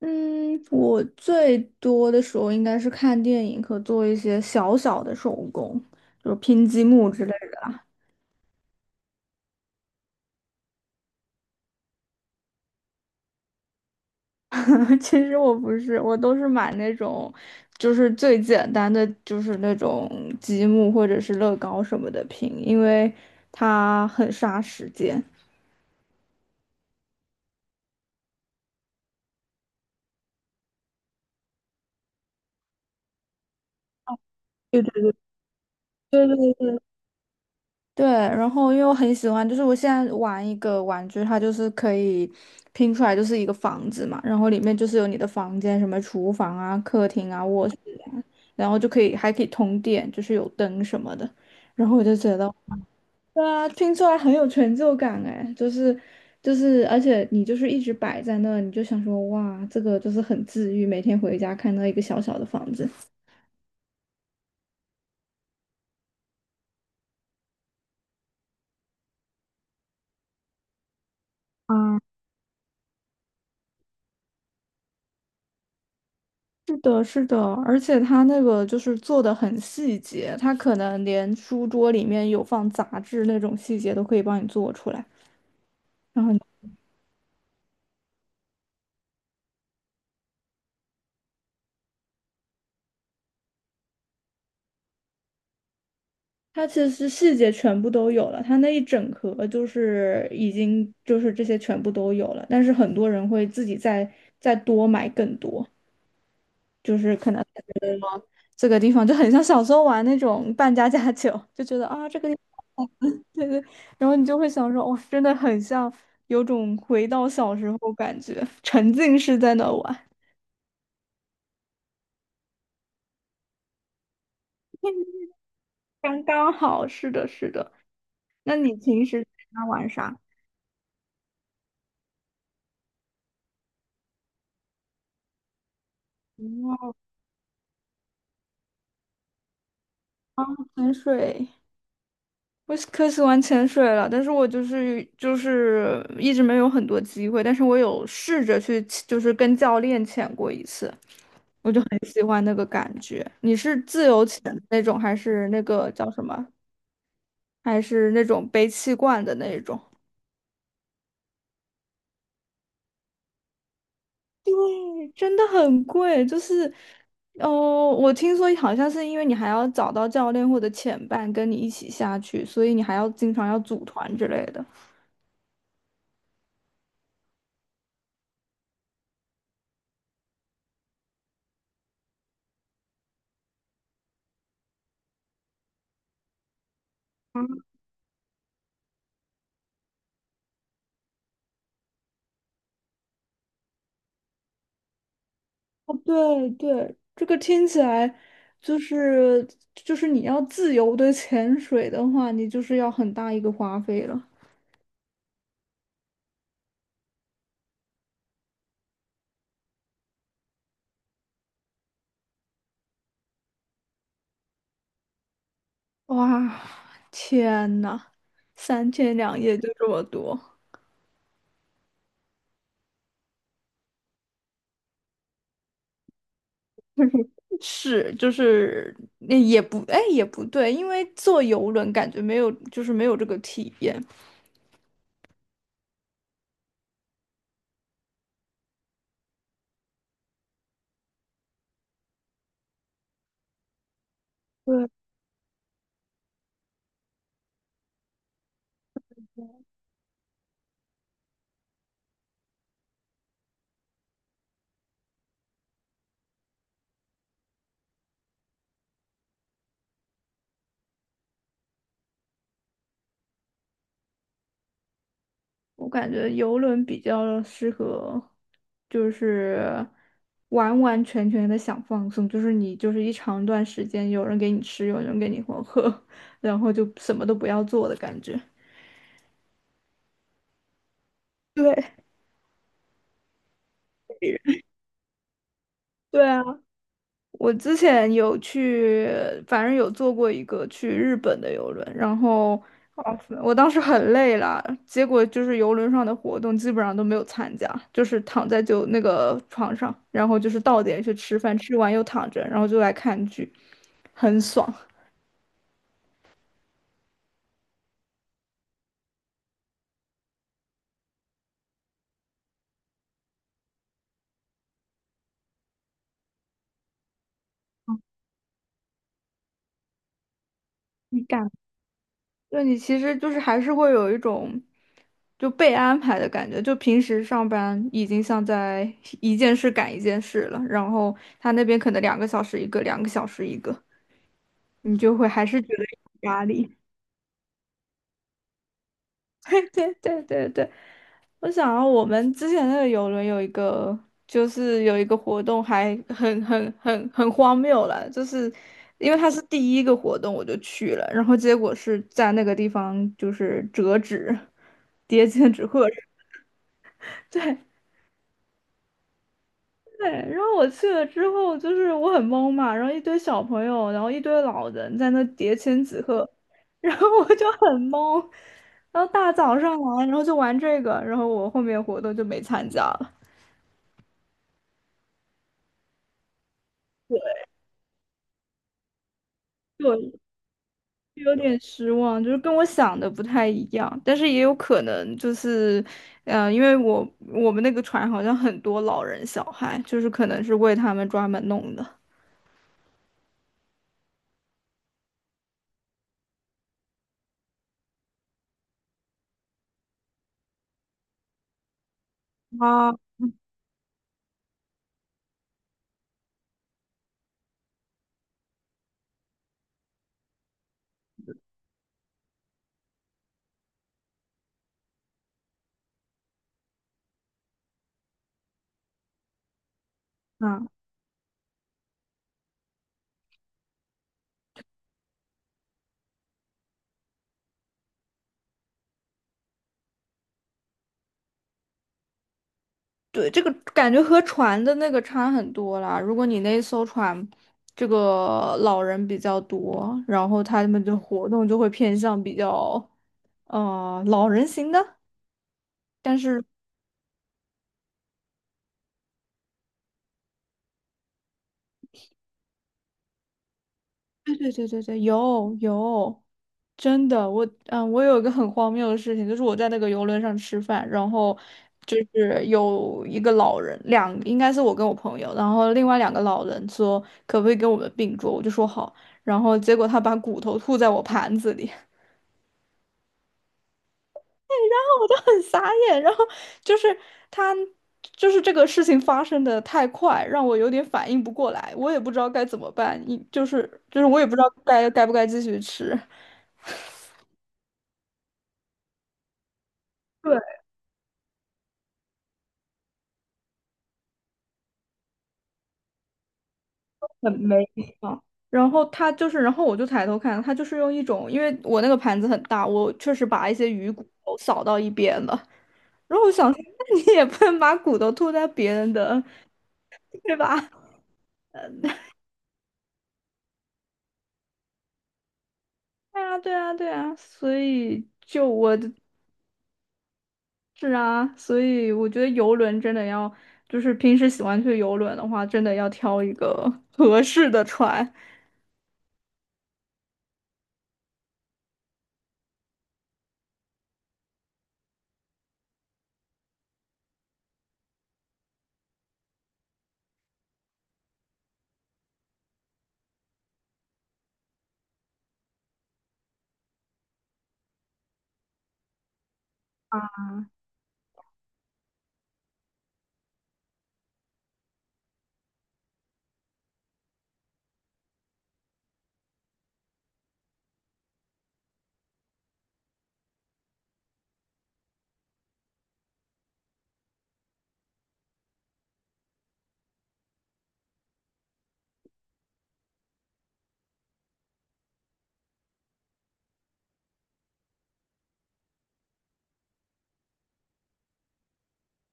嗯，我最多的时候应该是看电影和做一些小小的手工，就是拼积木之类的。其实我不是，我都是买那种，最简单的，就是那种积木或者是乐高什么的拼，因为它很杀时间。对对对对对对，然后因为我很喜欢，就是我现在玩一个玩具，它就是可以拼出来就是一个房子嘛，然后里面就是有你的房间，什么厨房啊、客厅啊、卧室啊，然后就可以还可以通电，就是有灯什么的，然后我就觉得，对啊，拼出来很有成就感哎，就是，而且你就是一直摆在那，你就想说哇，这个就是很治愈，每天回家看到一个小小的房子。是的，是的，而且它那个就是做的很细节，它可能连书桌里面有放杂志那种细节都可以帮你做出来。然后它其实细节全部都有了，它那一整盒就是已经就是这些全部都有了，但是很多人会自己再多买更多，就是可能这个地方就很像小时候玩那种扮家家酒，就觉得啊这个。对对，然后你就会想说，哦，真的很像，有种回到小时候感觉，沉浸式在那玩，刚刚好。是的，是的。那你平时在家玩啥？哦，潜水，我是可喜欢潜水了，但是我一直没有很多机会，但是我有试着去，就是跟教练潜过一次，我就很喜欢那个感觉。你是自由潜的那种，还是那个叫什么？还是那种背气罐的那种？对，真的很贵，就是，哦，我听说好像是因为你还要找到教练或者潜伴跟你一起下去，所以你还要经常要组团之类的。哦，对对，这个听起来就是就是你要自由的潜水的话，你就是要很大一个花费了。哇，天呐，三天两夜就这么多。是，就是那也不，哎，也不对，因为坐游轮感觉没有，就是没有这个体验。对，我感觉游轮比较适合，就是完完全全的想放松，就是你就是一长段时间有人给你吃，有人给你喝，然后就什么都不要做的感觉。对，对啊。我之前有去，反正有坐过一个去日本的游轮，然后哦我当时很累了，结果就是游轮上的活动基本上都没有参加，就是躺在就那个床上，然后就是到点去吃饭，吃完又躺着，然后就来看剧，很爽。你感就你其实就是还是会有一种就被安排的感觉，就平时上班已经像在一件事赶一件事了，然后他那边可能两个小时一个，两个小时一个。你就会还是觉得有压力。对对对对对，我想到我们之前那个游轮有一个，就是有一个活动还很荒谬了，就是因为它是第一个活动我就去了，然后结果是在那个地方就是折纸，叠千纸鹤，对。对，然后我去了之后，就是我很懵嘛，然后一堆小朋友，然后一堆老人在那叠千纸鹤，然后我就很懵，然后大早上来，然后就玩这个，然后我后面活动就没参加了，就有点失望，就是跟我想的不太一样，但是也有可能就是，嗯，因为我们那个船好像很多老人小孩，就是可能是为他们专门弄的。啊。啊对，这个感觉和船的那个差很多啦。如果你那艘船，这个老人比较多，然后他们的活动就会偏向比较，老人型的。但是，对对对对对，有，真的，我有一个很荒谬的事情，就是我在那个游轮上吃饭，然后就是有一个老人，应该是我跟我朋友，然后另外两个老人说可不可以给我们并桌，我就说好，然后结果他把骨头吐在我盘子里。很傻眼，然后就是他，就是这个事情发生的太快，让我有点反应不过来，我也不知道该怎么办，一就是就是我也不知道该不该继续吃。对，很没礼貌。然后他就是，然后我就抬头看，他就是用一种，因为我那个盘子很大，我确实把一些鱼骨头扫到一边了。然后我想说那你也不能把骨头吐在别人的，对吧？对啊,对啊,对啊,所以是啊，所以我觉得游轮真的要，就是平时喜欢去游轮的话，真的要挑一个 合适的船。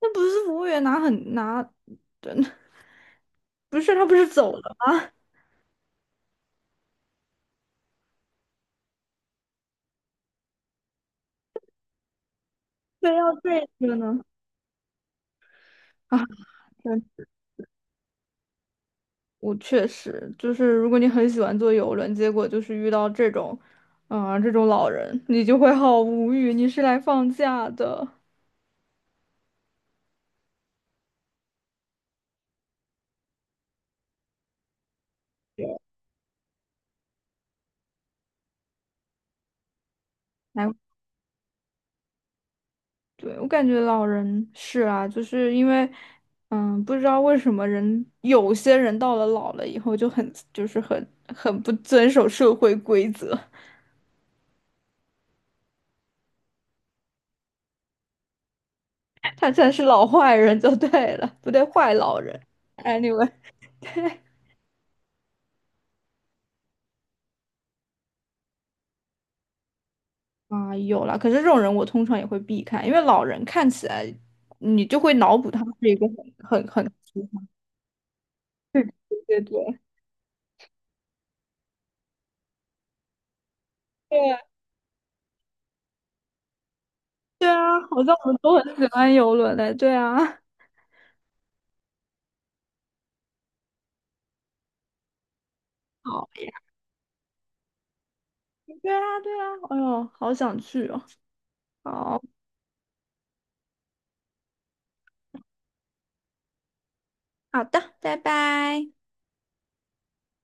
那不是服务员拿，真的不是他不是走了，非要这个呢？啊，对，我确实就是，如果你很喜欢坐游轮，结果就是遇到这种，啊、这种老人，你就会好无语。你是来放假的。来。对，我感觉老人是啊，就是因为，嗯，不知道为什么有些人到了老了以后就很不遵守社会规则，他才是老坏人就对了，不对，坏老人。Anyway,啊，有啦，可是这种人我通常也会避开，因为老人看起来你就会脑补他是一个很对对对啊,对啊，好像我们都很喜欢游轮的，对啊，好呀，对啊,对啊，哎呦，好想去哦，好。好的，拜拜。